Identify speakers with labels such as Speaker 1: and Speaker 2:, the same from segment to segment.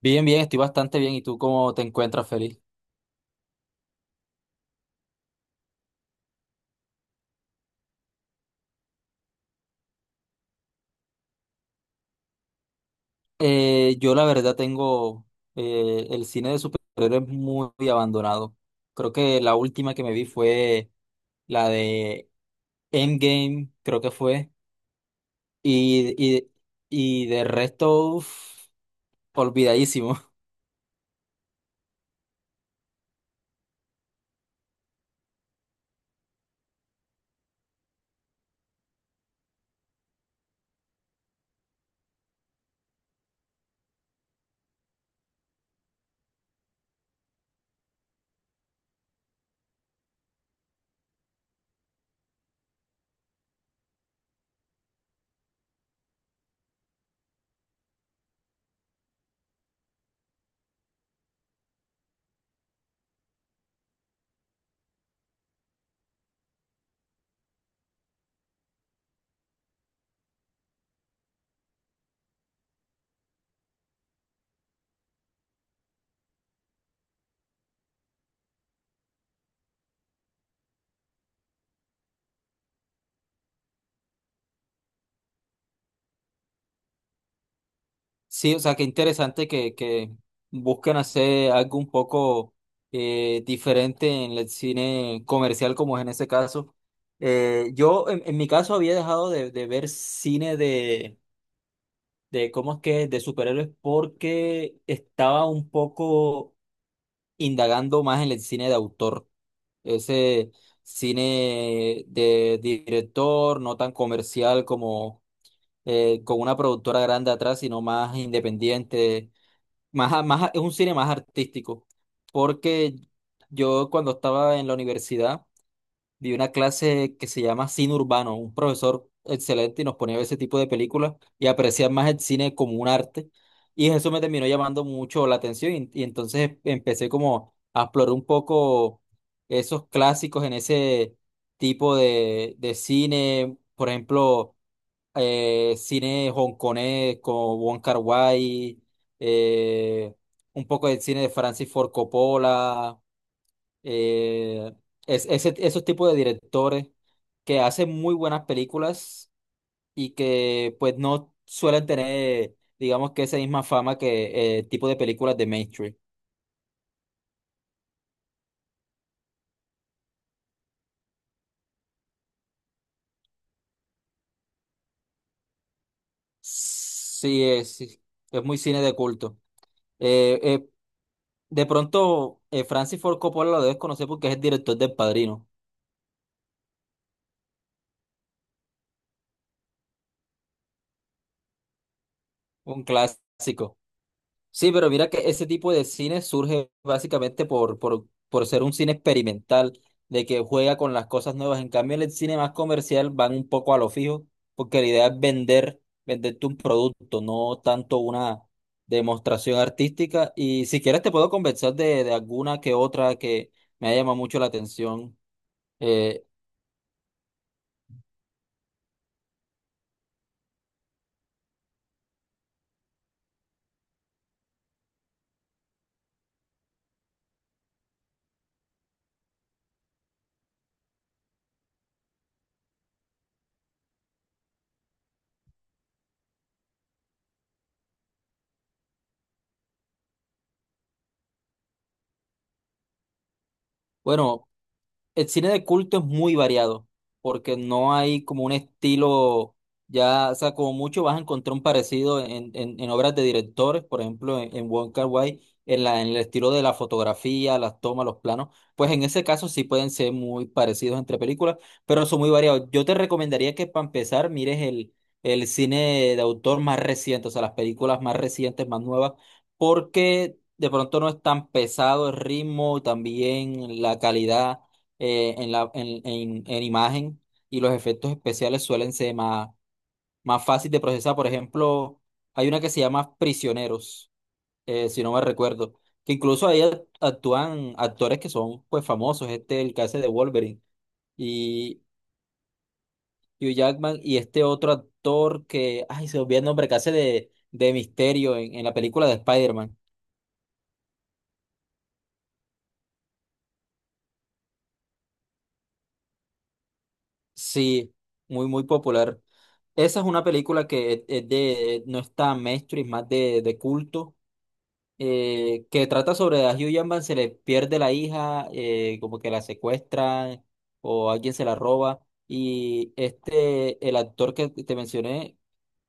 Speaker 1: Bien, bien, estoy bastante bien. ¿Y tú cómo te encuentras, Feliz? Yo la verdad tengo el cine de superhéroes muy abandonado. Creo que la última que me vi fue la de Endgame, creo que fue. Y, y, y de resto, uf, olvidadísimo. Sí, o sea, qué interesante que busquen hacer algo un poco diferente en el cine comercial, como es en ese caso. Yo, en mi caso, había dejado de ver cine ¿cómo es que?, de superhéroes porque estaba un poco indagando más en el cine de autor. Ese cine de director, no tan comercial como con una productora grande atrás, sino más independiente es un cine más artístico, porque yo cuando estaba en la universidad vi una clase que se llama cine urbano, un profesor excelente y nos ponía ese tipo de películas y apreciar más el cine como un arte y eso me terminó llamando mucho la atención y, entonces empecé como a explorar un poco esos clásicos en ese tipo de cine, por ejemplo cine hongkonés como Wong Kar-wai, eh, un poco de cine de Francis Ford Coppola, eh, esos tipos de directores que hacen muy buenas películas y que pues no suelen tener, digamos que esa misma fama que tipo de películas de mainstream. Sí, es muy cine de culto. Eh, eh, de pronto, Francis Ford Coppola lo debes conocer porque es el director del Padrino. Un clásico. Sí, pero mira que ese tipo de cine surge básicamente por ser un cine experimental, de que juega con las cosas nuevas. En cambio, en el cine más comercial van un poco a lo fijo, porque la idea es vender, venderte un producto, no tanto una demostración artística. Y si quieres te puedo convencer de alguna que otra que me ha llamado mucho la atención. Eh, bueno, el cine de culto es muy variado, porque no hay como un estilo, ya, o sea, como mucho vas a encontrar un parecido en obras de directores, por ejemplo, en Wong Kar-wai, en la, en el estilo de la fotografía, las tomas, los planos, pues en ese caso sí pueden ser muy parecidos entre películas, pero son muy variados. Yo te recomendaría que para empezar mires el cine de autor más reciente, o sea, las películas más recientes, más nuevas, porque de pronto no es tan pesado el ritmo, también la calidad en la, en imagen y los efectos especiales suelen ser más, más fácil de procesar. Por ejemplo, hay una que se llama Prisioneros, si no me recuerdo, que incluso ahí actúan actores que son pues famosos, este el que hace de Wolverine y Hugh Jackman y este otro actor que, ay, se me olvida el nombre, que hace de Misterio en la película de Spider-Man. Sí, muy, muy popular. Esa es una película que es de, no está mainstream, más de culto, que trata sobre a Hugh Jackman, se le pierde la hija, como que la secuestran o alguien se la roba. Y este, el actor que te mencioné,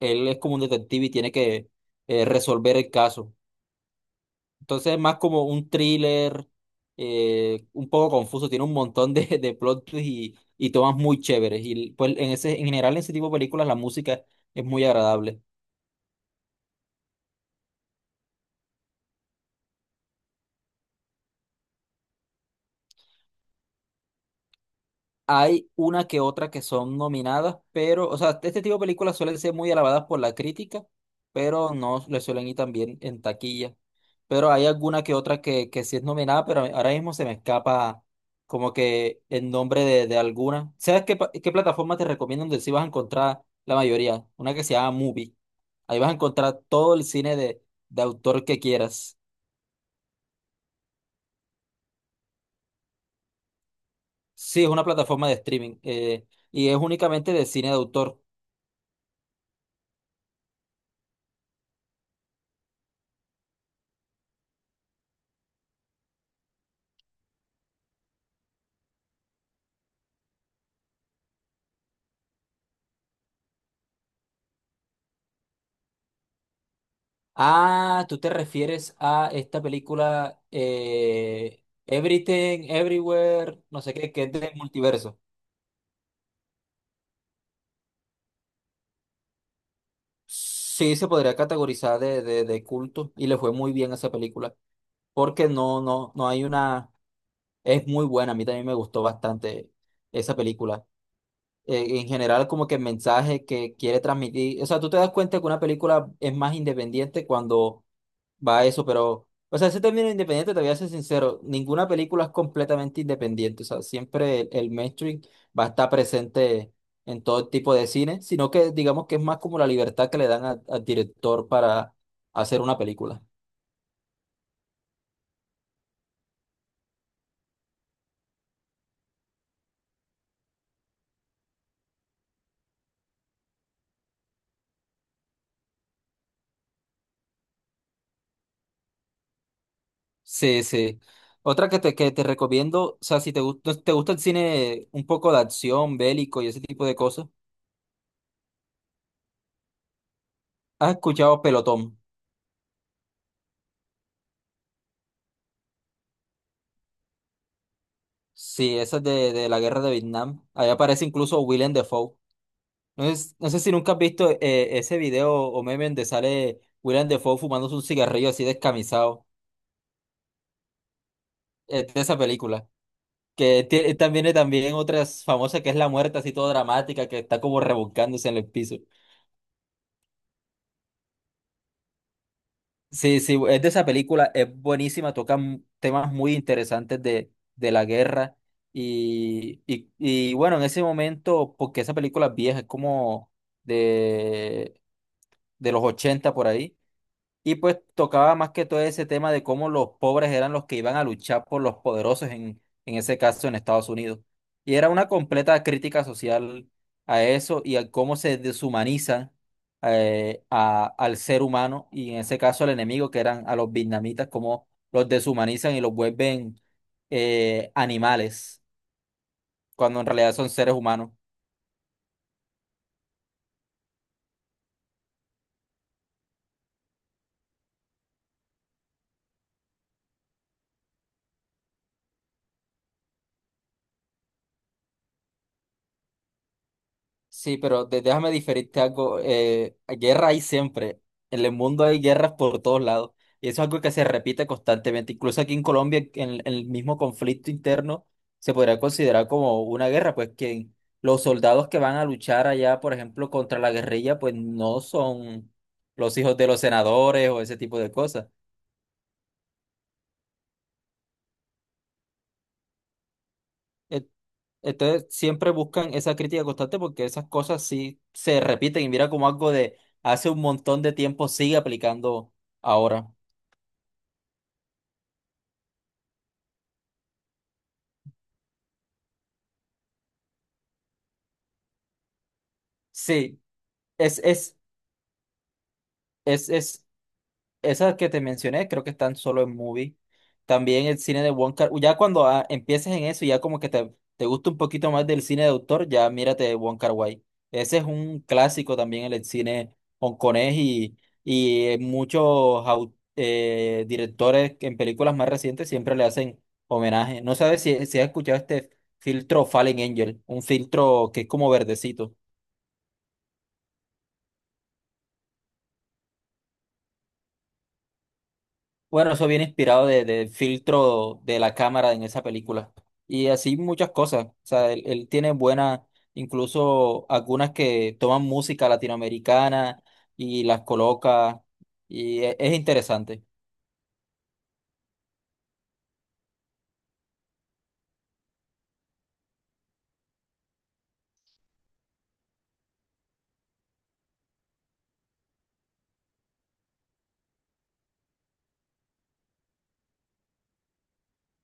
Speaker 1: él es como un detective y tiene que resolver el caso. Entonces es más como un thriller, un poco confuso, tiene un montón de plot twists y tomas muy chéveres. Y pues en ese, en general en ese tipo de películas la música es muy agradable. Hay una que otra que son nominadas, pero, o sea, este tipo de películas suelen ser muy alabadas por la crítica, pero no le suelen ir tan bien en taquilla. Pero hay alguna que otra que sí es nominada, pero ahora mismo se me escapa como que el nombre de alguna. ¿Sabes qué, qué plataforma te recomiendo donde sí vas a encontrar la mayoría? Una que se llama Movie. Ahí vas a encontrar todo el cine de autor que quieras. Sí, es una plataforma de streaming, y es únicamente de cine de autor. Ah, tú te refieres a esta película, Everything, Everywhere, no sé qué, que es del multiverso. Sí, se podría categorizar de culto y le fue muy bien a esa película, porque no hay una, es muy buena, a mí también me gustó bastante esa película. En general, como que el mensaje que quiere transmitir, o sea, tú te das cuenta que una película es más independiente cuando va eso. Pero, o sea, ese término independiente, te voy a ser sincero, ninguna película es completamente independiente, o sea, siempre el mainstream va a estar presente en todo tipo de cine, sino que digamos que es más como la libertad que le dan al director para hacer una película. Sí, sí. Otra que te recomiendo, o sea, si te gusta, te gusta el cine un poco de acción, bélico y ese tipo de cosas, ¿has escuchado Pelotón? Sí, esa es de la guerra de Vietnam. Ahí aparece incluso Willem Dafoe. No sé si nunca has visto ese video o meme donde sale William Defoe fumándose un cigarrillo así descamisado de esa película. Que también también otra famosa que es La Muerte, así toda dramática, que está como revolcándose en el piso. Sí, sí, es de esa película, es buenísima, toca temas muy interesantes de la guerra. Y bueno, en ese momento, porque esa película es vieja, es como de, de los 80 por ahí. Y pues tocaba más que todo ese tema de cómo los pobres eran los que iban a luchar por los poderosos, en ese caso en Estados Unidos. Y era una completa crítica social a eso y a cómo se deshumaniza al ser humano y en ese caso al enemigo, que eran a los vietnamitas, cómo los deshumanizan y los vuelven animales, cuando en realidad son seres humanos. Sí, pero déjame diferirte algo. Guerra hay siempre. En el mundo hay guerras por todos lados. Y eso es algo que se repite constantemente. Incluso aquí en Colombia, en el mismo conflicto interno, se podría considerar como una guerra, pues que los soldados que van a luchar allá, por ejemplo, contra la guerrilla, pues no son los hijos de los senadores o ese tipo de cosas. Entonces siempre buscan esa crítica constante porque esas cosas sí se repiten y mira como algo de hace un montón de tiempo sigue aplicando ahora. Sí, es, es, es esas que te mencioné, creo que están solo en movie. También el cine de Wong Kar. Ya cuando empieces en eso, ya como que te gusta un poquito más del cine de autor, ya mírate Wong Kar-wai. Ese es un clásico también en el cine hongkonés y muchos directores que en películas más recientes siempre le hacen homenaje. No sabes si has escuchado este filtro Fallen Angel, un filtro que es como verdecito. Bueno, eso viene inspirado del filtro de la cámara en esa película. Y así muchas cosas. O sea, él tiene buenas, incluso algunas que toman música latinoamericana y las coloca. Y es interesante.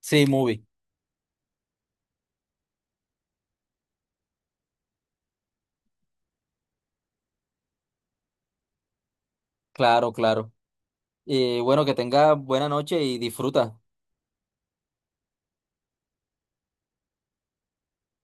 Speaker 1: Sí, movie. Claro, claro. Y bueno, que tenga buena noche y disfruta.